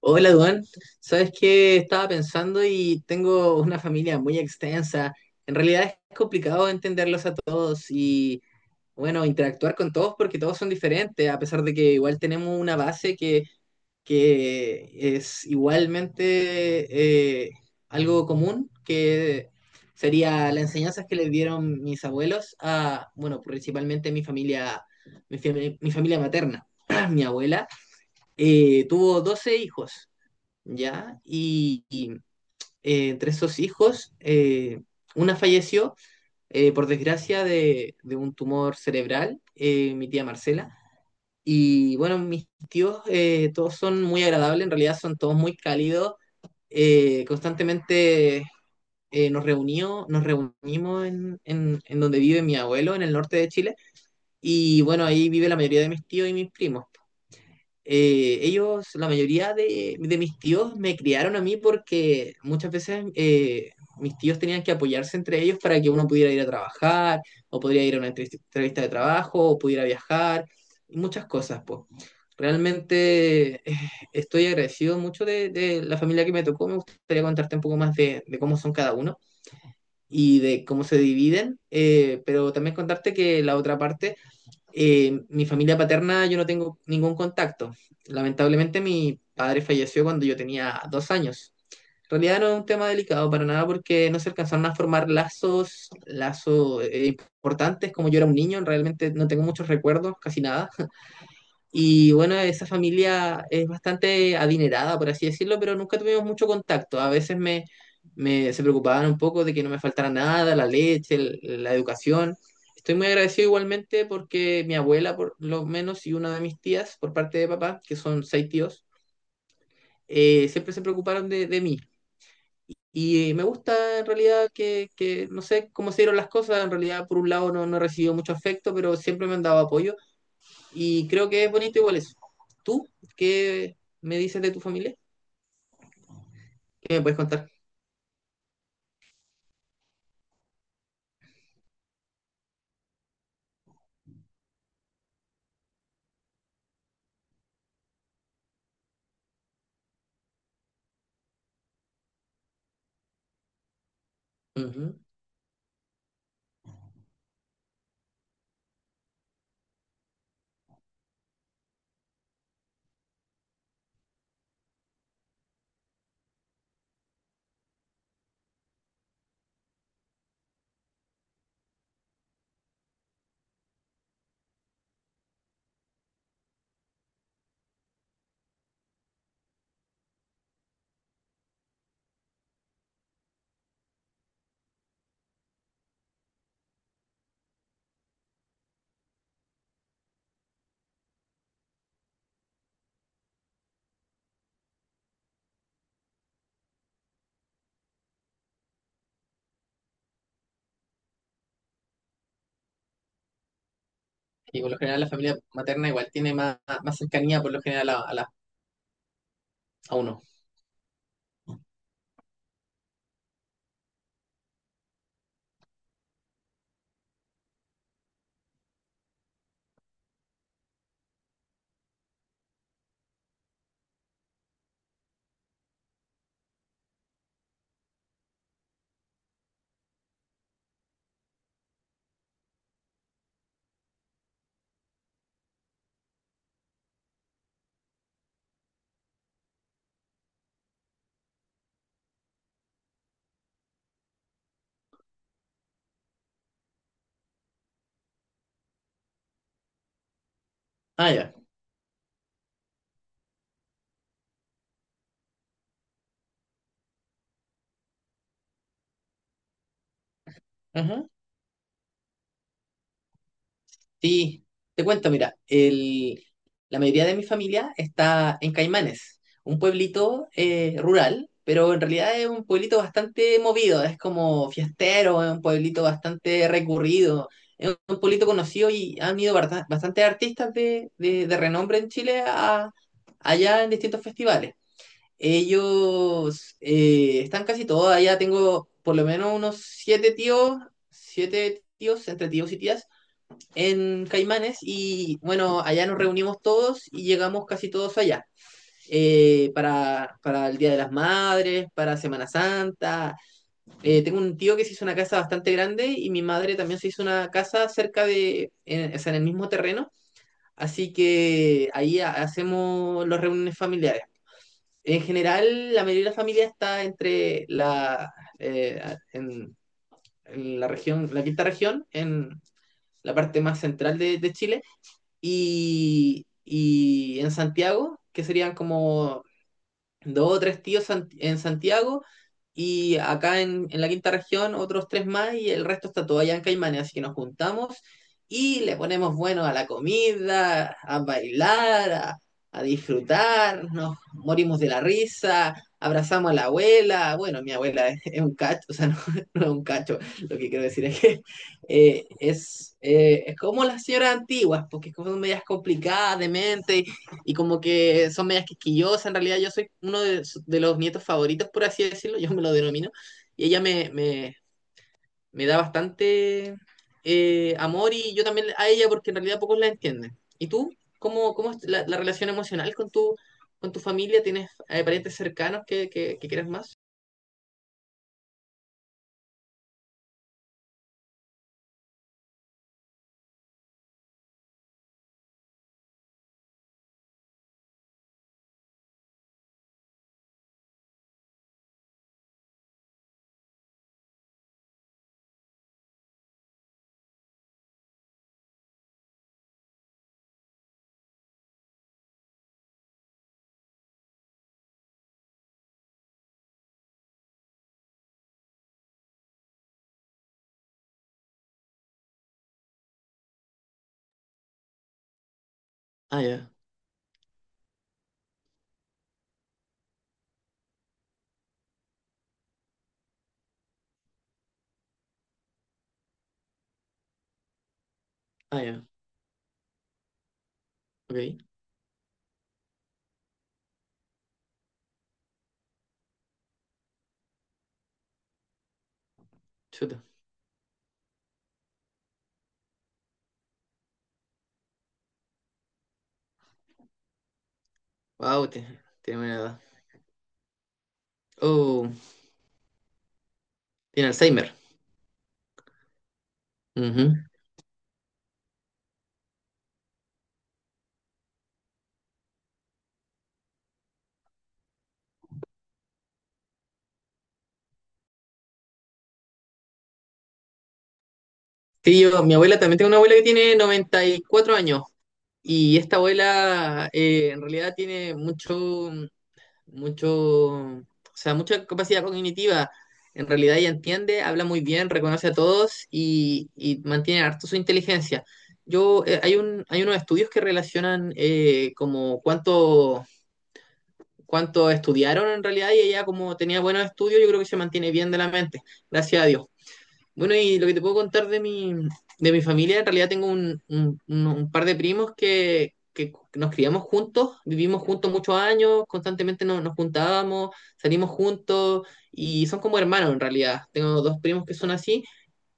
Hola, Duan. Sabes que estaba pensando y tengo una familia muy extensa. En realidad es complicado entenderlos a todos y, bueno, interactuar con todos porque todos son diferentes, a pesar de que igual tenemos una base que es igualmente algo común, que sería las enseñanzas que les dieron mis abuelos a, bueno, principalmente mi familia, mi familia materna. Mi abuela tuvo 12 hijos. ¿Ya? Y entre esos hijos, una falleció, por desgracia, de un tumor cerebral, mi tía Marcela. Y bueno, mis tíos todos son muy agradables, en realidad son todos muy cálidos. Constantemente nos reunimos en donde vive mi abuelo, en el norte de Chile. Y bueno, ahí vive la mayoría de mis tíos y mis primos. Ellos, la mayoría de mis tíos, me criaron a mí porque muchas veces mis tíos tenían que apoyarse entre ellos para que uno pudiera ir a trabajar, o podría ir a una entrevista de trabajo, o pudiera viajar, y muchas cosas, pues. Realmente estoy agradecido mucho de la familia que me tocó. Me gustaría contarte un poco más de cómo son cada uno y de cómo se dividen, pero también contarte que la otra parte, mi familia paterna, yo no tengo ningún contacto. Lamentablemente mi padre falleció cuando yo tenía 2 años. En realidad no es un tema delicado para nada porque no se alcanzaron a formar lazos importantes. Como yo era un niño, realmente no tengo muchos recuerdos, casi nada. Y bueno, esa familia es bastante adinerada, por así decirlo, pero nunca tuvimos mucho contacto. A veces me se preocupaban un poco de que no me faltara nada, la leche, la educación. Estoy muy agradecido igualmente porque mi abuela, por lo menos, y una de mis tías, por parte de papá, que son seis tíos, siempre se preocuparon de mí. Y me gusta en realidad que, no sé cómo se dieron las cosas. En realidad, por un lado no he recibido mucho afecto, pero siempre me han dado apoyo, y creo que es bonito igual eso. ¿Tú qué me dices de tu familia? ¿Qué me puedes contar? Ujú. Y por lo general la familia materna igual tiene más, más cercanía por lo general a a uno. Ah, ya. Ajá. Sí, te cuento, mira, la mayoría de mi familia está en Caimanes, un pueblito rural, pero en realidad es un pueblito bastante movido, es como fiestero, es un pueblito bastante recurrido, es un pueblito conocido, y han ido bastantes artistas de renombre en Chile allá, en distintos festivales. Ellos están casi todos allá. Tengo por lo menos unos siete tíos, entre tíos y tías en Caimanes, y bueno, allá nos reunimos todos y llegamos casi todos allá. Para el Día de las Madres, para Semana Santa. Tengo un tío que se hizo una casa bastante grande, y mi madre también se hizo una casa cerca de, en, o sea, en el mismo terreno. Así que ahí hacemos las reuniones familiares. En general, la mayoría de la familia está entre eh, en, en la región, la quinta región, en la parte más central de Chile, y en Santiago, que serían como dos o tres tíos en Santiago, y acá en, la quinta región, otros tres más, y el resto está todo allá en Caimanes. Así que nos juntamos y le ponemos bueno a la comida, a bailar, a disfrutar, nos morimos de la risa, abrazamos a la abuela. Bueno, mi abuela es un cacho. O sea, no, no es un cacho, lo que quiero decir es que es como las señoras antiguas, porque son medias complicadas de mente y como que son medias quisquillosas. En realidad, yo soy uno de los nietos favoritos, por así decirlo, yo me lo denomino, y ella me da bastante amor, y yo también a ella, porque en realidad pocos la entienden. ¿Y tú? ¿Cómo es la relación emocional con tu familia? ¿Tienes parientes cercanos que quieras más? Ah, ya. Ah, ya. Ok. Chuta. Wow, tiene buena edad. Oh, tiene Alzheimer. Ujú. Sí, mi abuela también, tengo una abuela que tiene 94 años. Y esta abuela en realidad tiene mucho, mucho, o sea, mucha capacidad cognitiva. En realidad, ella entiende, habla muy bien, reconoce a todos, y mantiene harto su inteligencia. Hay unos estudios que relacionan como cuánto, estudiaron en realidad, y ella, como tenía buenos estudios, yo creo que se mantiene bien de la mente, gracias a Dios. Bueno, y lo que te puedo contar de mi familia: en realidad tengo un par de primos que nos criamos juntos, vivimos juntos muchos años, constantemente nos juntábamos, salimos juntos, y son como hermanos en realidad. Tengo dos primos que son así,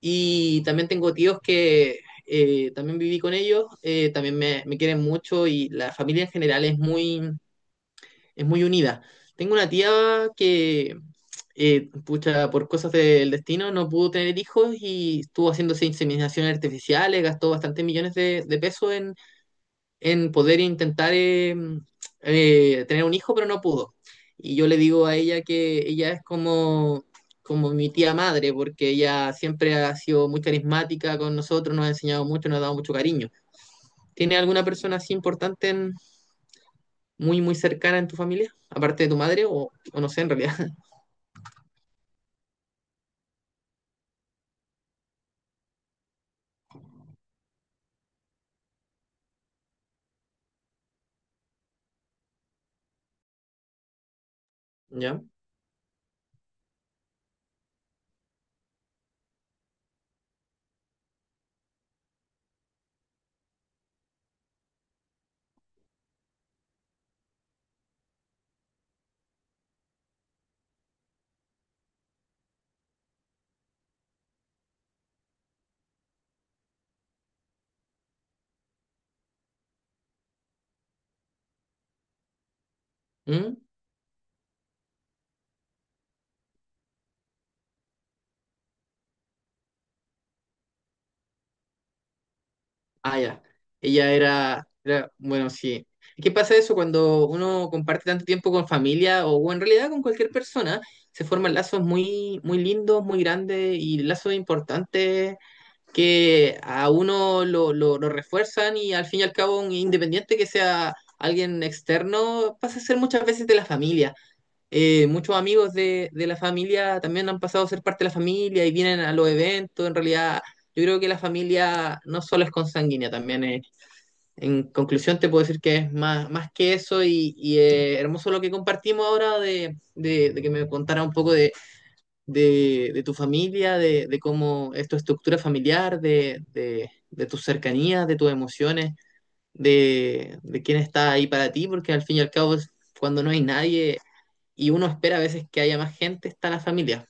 y también tengo tíos que también viví con ellos, también me quieren mucho, y la familia en general es muy, unida. Tengo una tía que, pucha, por cosas del destino no pudo tener hijos, y estuvo haciéndose inseminaciones artificiales, gastó bastantes millones de pesos en poder intentar tener un hijo, pero no pudo. Y yo le digo a ella que ella es como mi tía madre, porque ella siempre ha sido muy carismática con nosotros, nos ha enseñado mucho, nos ha dado mucho cariño. ¿Tiene alguna persona así importante muy, muy cercana en tu familia, aparte de tu madre, o no sé, en realidad? ¿Ya? ¿Mm? Ah, ya. Ella era, bueno, sí. ¿Qué pasa eso cuando uno comparte tanto tiempo con familia o en realidad con cualquier persona? Se forman lazos muy, muy lindos, muy grandes, y lazos importantes que a uno lo refuerzan, y al fin y al cabo, un independiente que sea alguien externo, pasa a ser muchas veces de la familia. Muchos amigos de la familia también han pasado a ser parte de la familia y vienen a los eventos. En realidad, yo creo que la familia no solo es consanguínea, también en conclusión te puedo decir que es más, más que eso. Y hermoso lo que compartimos ahora, de que me contara un poco de tu familia, de cómo es tu estructura familiar, de tus cercanías, de tus emociones, de quién está ahí para ti, porque al fin y al cabo cuando no hay nadie, y uno espera a veces que haya más gente, está la familia.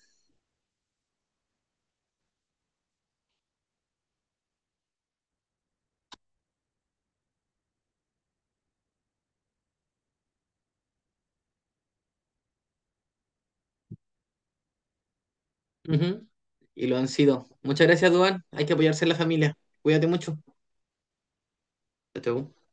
Ujú. Y lo han sido. Muchas gracias, Duan. Hay que apoyarse en la familia. Cuídate mucho. Chao, chao.